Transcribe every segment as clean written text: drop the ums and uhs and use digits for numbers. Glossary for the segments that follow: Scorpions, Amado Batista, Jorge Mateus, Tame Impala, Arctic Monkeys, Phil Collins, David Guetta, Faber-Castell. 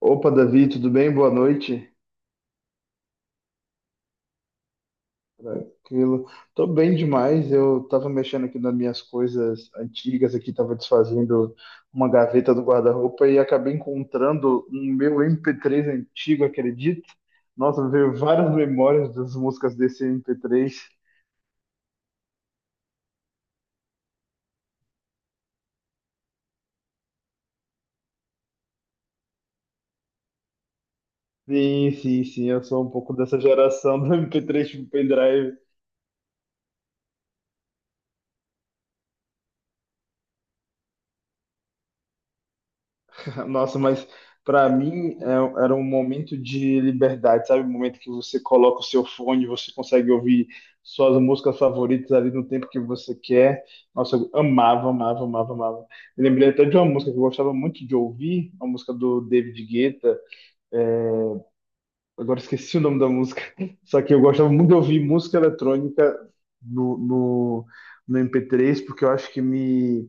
Opa, Davi, tudo bem? Boa noite. Tranquilo. Tô bem demais. Eu tava mexendo aqui nas minhas coisas antigas aqui, tava desfazendo uma gaveta do guarda-roupa e acabei encontrando um meu MP3 antigo, acredito. Nossa, veio várias memórias das músicas desse MP3. Sim, sim, sim, eu sou um pouco dessa geração do MP3 tipo um pendrive. Nossa, mas pra mim era um momento de liberdade, sabe? Um momento que você coloca o seu fone, você consegue ouvir suas músicas favoritas ali no tempo que você quer. Nossa, eu amava, amava, amava, amava. Eu lembrei até de uma música que eu gostava muito de ouvir, uma música do David Guetta. é, Agora esqueci o nome da música. Só que eu gostava muito de ouvir música eletrônica no, no, no MP3, porque eu acho que me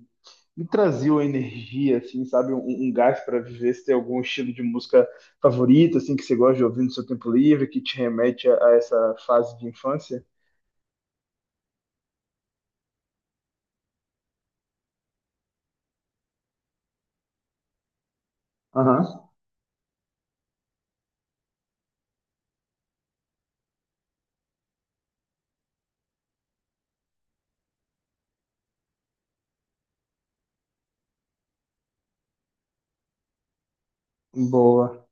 me trazia uma energia, assim, sabe? Um gás para viver. Se tem algum estilo de música favorito, assim, que você gosta de ouvir no seu tempo livre, que te remete a essa fase de infância? Aham, boa.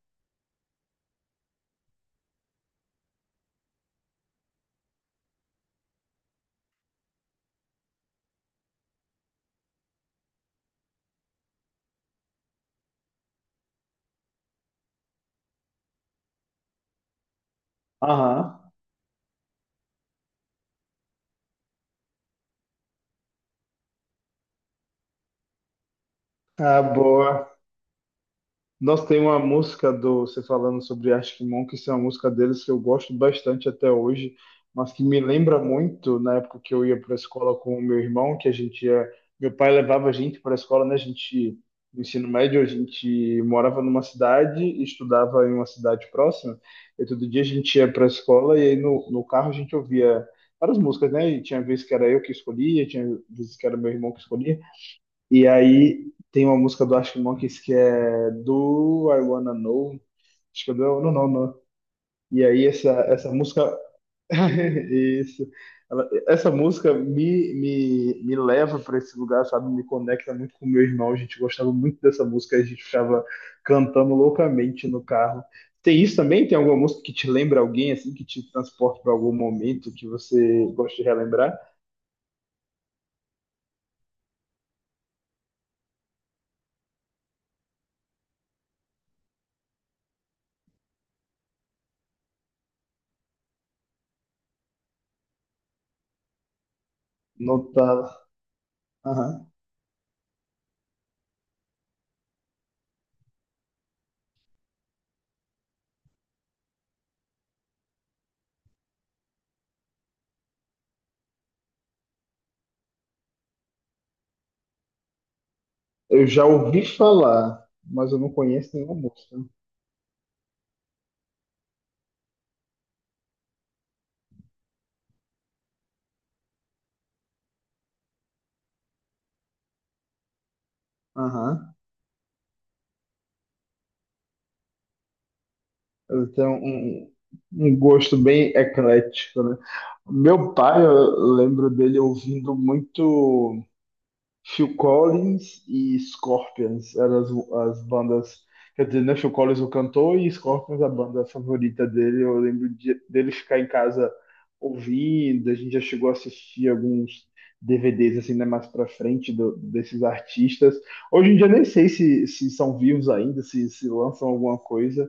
Aham, ah, boa. Nossa, tem uma música do você falando sobre Arctic Monkeys, é uma música deles que eu gosto bastante até hoje, mas que me lembra muito na época que eu ia para a escola com o meu irmão, que a gente ia, meu pai levava a gente para a escola, né? A gente no ensino médio a gente morava numa cidade e estudava em uma cidade próxima. E todo dia a gente ia para a escola e aí no carro a gente ouvia várias músicas, né? E tinha vezes que era eu que escolhia, tinha vezes que era meu irmão que escolhia. E aí tem uma música do Arctic Monkeys que é Do I Wanna Know? Acho que é do I Wanna Know, não. E aí essa música. Isso. Essa música me leva para esse lugar, sabe? Me conecta muito com meu irmão. A gente gostava muito dessa música, a gente ficava cantando loucamente no carro. Tem isso também? Tem alguma música que te lembra alguém, assim, que te transporta para algum momento que você gosta de relembrar? Não tá. Eu já ouvi falar, mas eu não conheço nenhuma música. Aham. Eu tenho um gosto bem eclético, né? Meu pai, eu lembro dele ouvindo muito. Phil Collins e Scorpions eram as bandas. Quer dizer, né? Phil Collins o cantor e Scorpions a banda favorita dele. Eu lembro dele ficar em casa ouvindo. A gente já chegou a assistir alguns DVDs assim, né? Mais pra frente desses artistas. Hoje em dia nem sei se, se são vivos ainda, se lançam alguma coisa.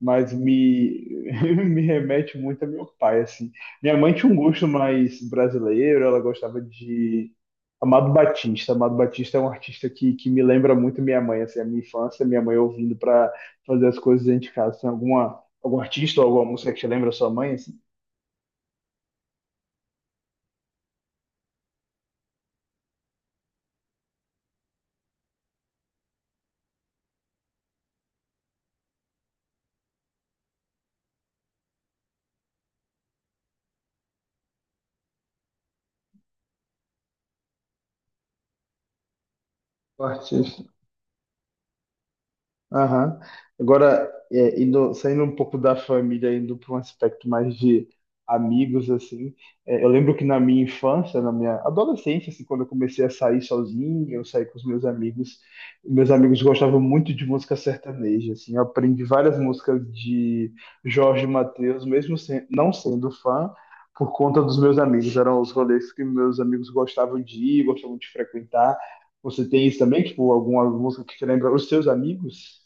Mas me remete muito a meu pai, assim. Minha mãe tinha um gosto mais brasileiro, ela gostava de Amado Batista. Amado Batista é um artista que me lembra muito minha mãe, assim, a minha infância, minha mãe ouvindo para fazer as coisas dentro de casa. Tem algum artista ou alguma música que te lembra a sua mãe, assim? Aham. Agora, saindo um pouco da família, indo para um aspecto mais de amigos, assim, eu lembro que na minha infância, na minha adolescência, assim, quando eu comecei a sair sozinho, eu saí com os meus amigos gostavam muito de música sertaneja, assim, eu aprendi várias músicas de Jorge Mateus, mesmo sem- não sendo fã, por conta dos meus amigos, eram os rolês que meus amigos gostavam de ir, gostavam de frequentar. Você tem isso também, tipo, alguma música que te lembra os seus amigos?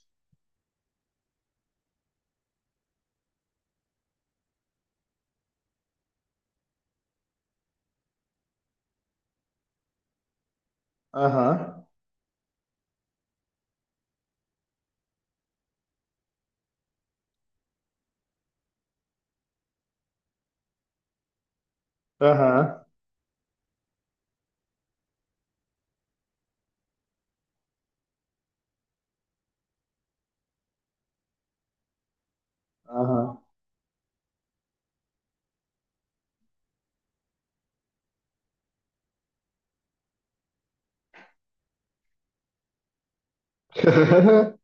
Aham, aham, aham.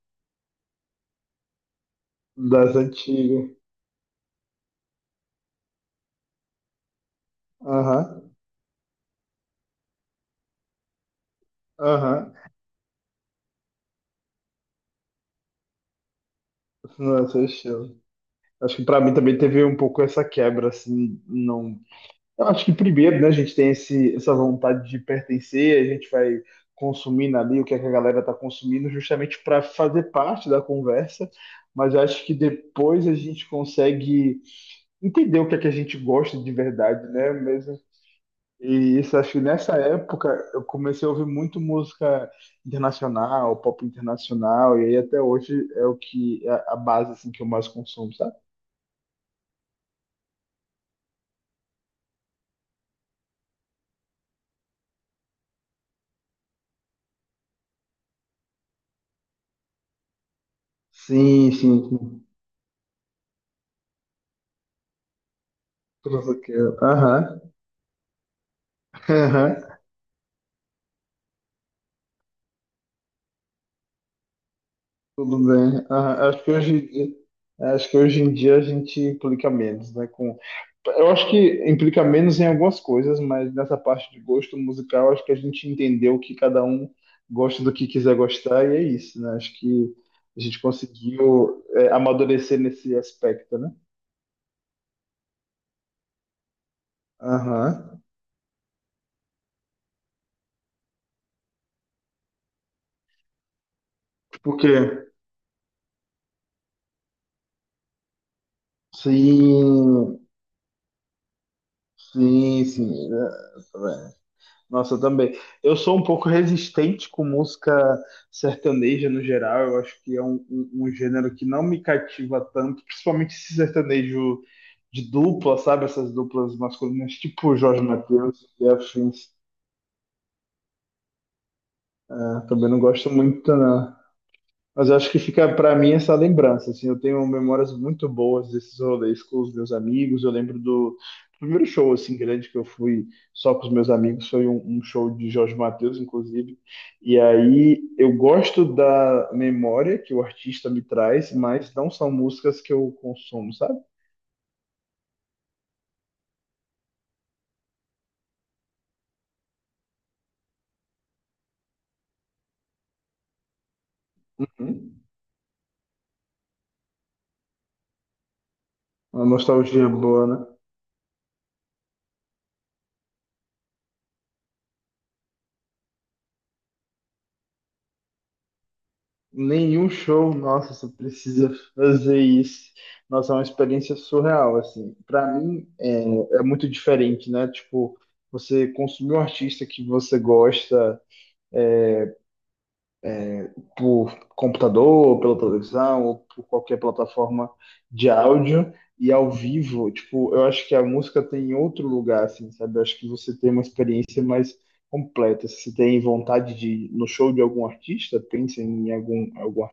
Das antigas. Aham, aham. Não, esse é seu estilo. Acho que pra mim também teve um pouco essa quebra, assim, não... Eu acho que primeiro, né, a gente tem essa vontade de pertencer, a gente vai consumindo ali o que é que a galera tá consumindo justamente para fazer parte da conversa, mas eu acho que depois a gente consegue entender o que é que a gente gosta de verdade, né? Mesmo. E isso, acho que nessa época eu comecei a ouvir muito música internacional, pop internacional, e aí até hoje é o que é a base assim que eu mais consumo, sabe? Sim, sim, sim. Tudo que aham, aham, tudo bem. Aham. Acho que hoje em dia a gente clica menos, né? Eu acho que implica menos em algumas coisas, mas nessa parte de gosto musical, acho que a gente entendeu que cada um gosta do que quiser gostar e é isso, né? Acho que a gente conseguiu amadurecer nesse aspecto, né? Aham. Porque, sim, sim, sim. Nossa, eu também. Eu sou um pouco resistente com música sertaneja no geral. Eu acho que é um gênero que não me cativa tanto, principalmente esse sertanejo de dupla, sabe? Essas duplas masculinas, tipo Jorge Mateus e afins. É, também não gosto muito, não. Mas eu acho que fica para mim essa lembrança, assim, eu tenho memórias muito boas desses rolês com os meus amigos. Eu lembro do primeiro show assim grande que eu fui só com os meus amigos, foi um show de Jorge Mateus, inclusive. E aí eu gosto da memória que o artista me traz, mas não são músicas que eu consumo, sabe? Uhum. Uma nostalgia boa, né? Nenhum show, nossa, você precisa fazer isso. Nossa, é uma experiência surreal, assim. Para mim é muito diferente, né? Tipo, você consumir um artista que você gosta é, por computador, ou pela televisão, ou por qualquer plataforma de áudio, e ao vivo, tipo, eu acho que a música tem outro lugar, assim, sabe? Eu acho que você tem uma experiência mais completa. Se você tem vontade de ir no show de algum artista, pensa em algum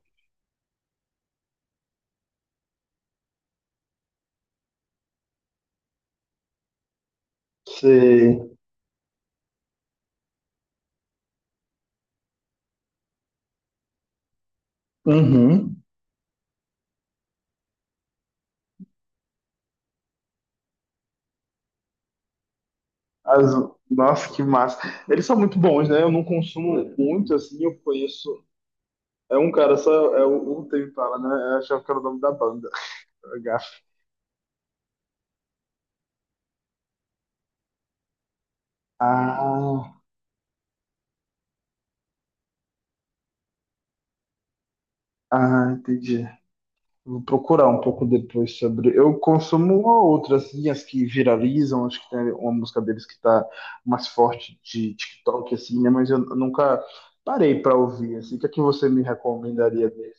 artista. Uhum. As... Nossa, que massa. Eles são muito bons, né? Eu não consumo muito, assim, eu conheço. É um cara só, é o Tame Impala, né? Eu achava que era o nome da banda. Gafe. Ah, ah, entendi. Vou procurar um pouco depois sobre. Eu consumo uma ou outra, assim, as que viralizam. Acho que tem uma música deles que tá mais forte de TikTok, assim, né? Mas eu nunca parei pra ouvir, assim. O que é que você me recomendaria dele?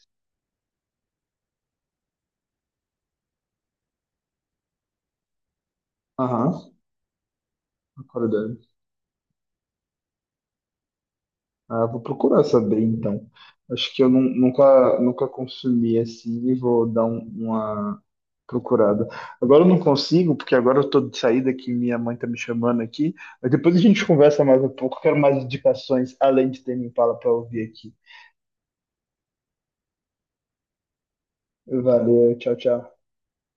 Aham, uhum. Ah, vou procurar saber então. Acho que eu nun- Nunca, nunca consumi assim e vou dar uma procurada. Agora eu não consigo, porque agora eu tô de saída que minha mãe tá me chamando aqui. Mas depois a gente conversa mais um pouco. Quero mais indicações além de ter me Impala para ouvir aqui. Valeu, tchau, tchau.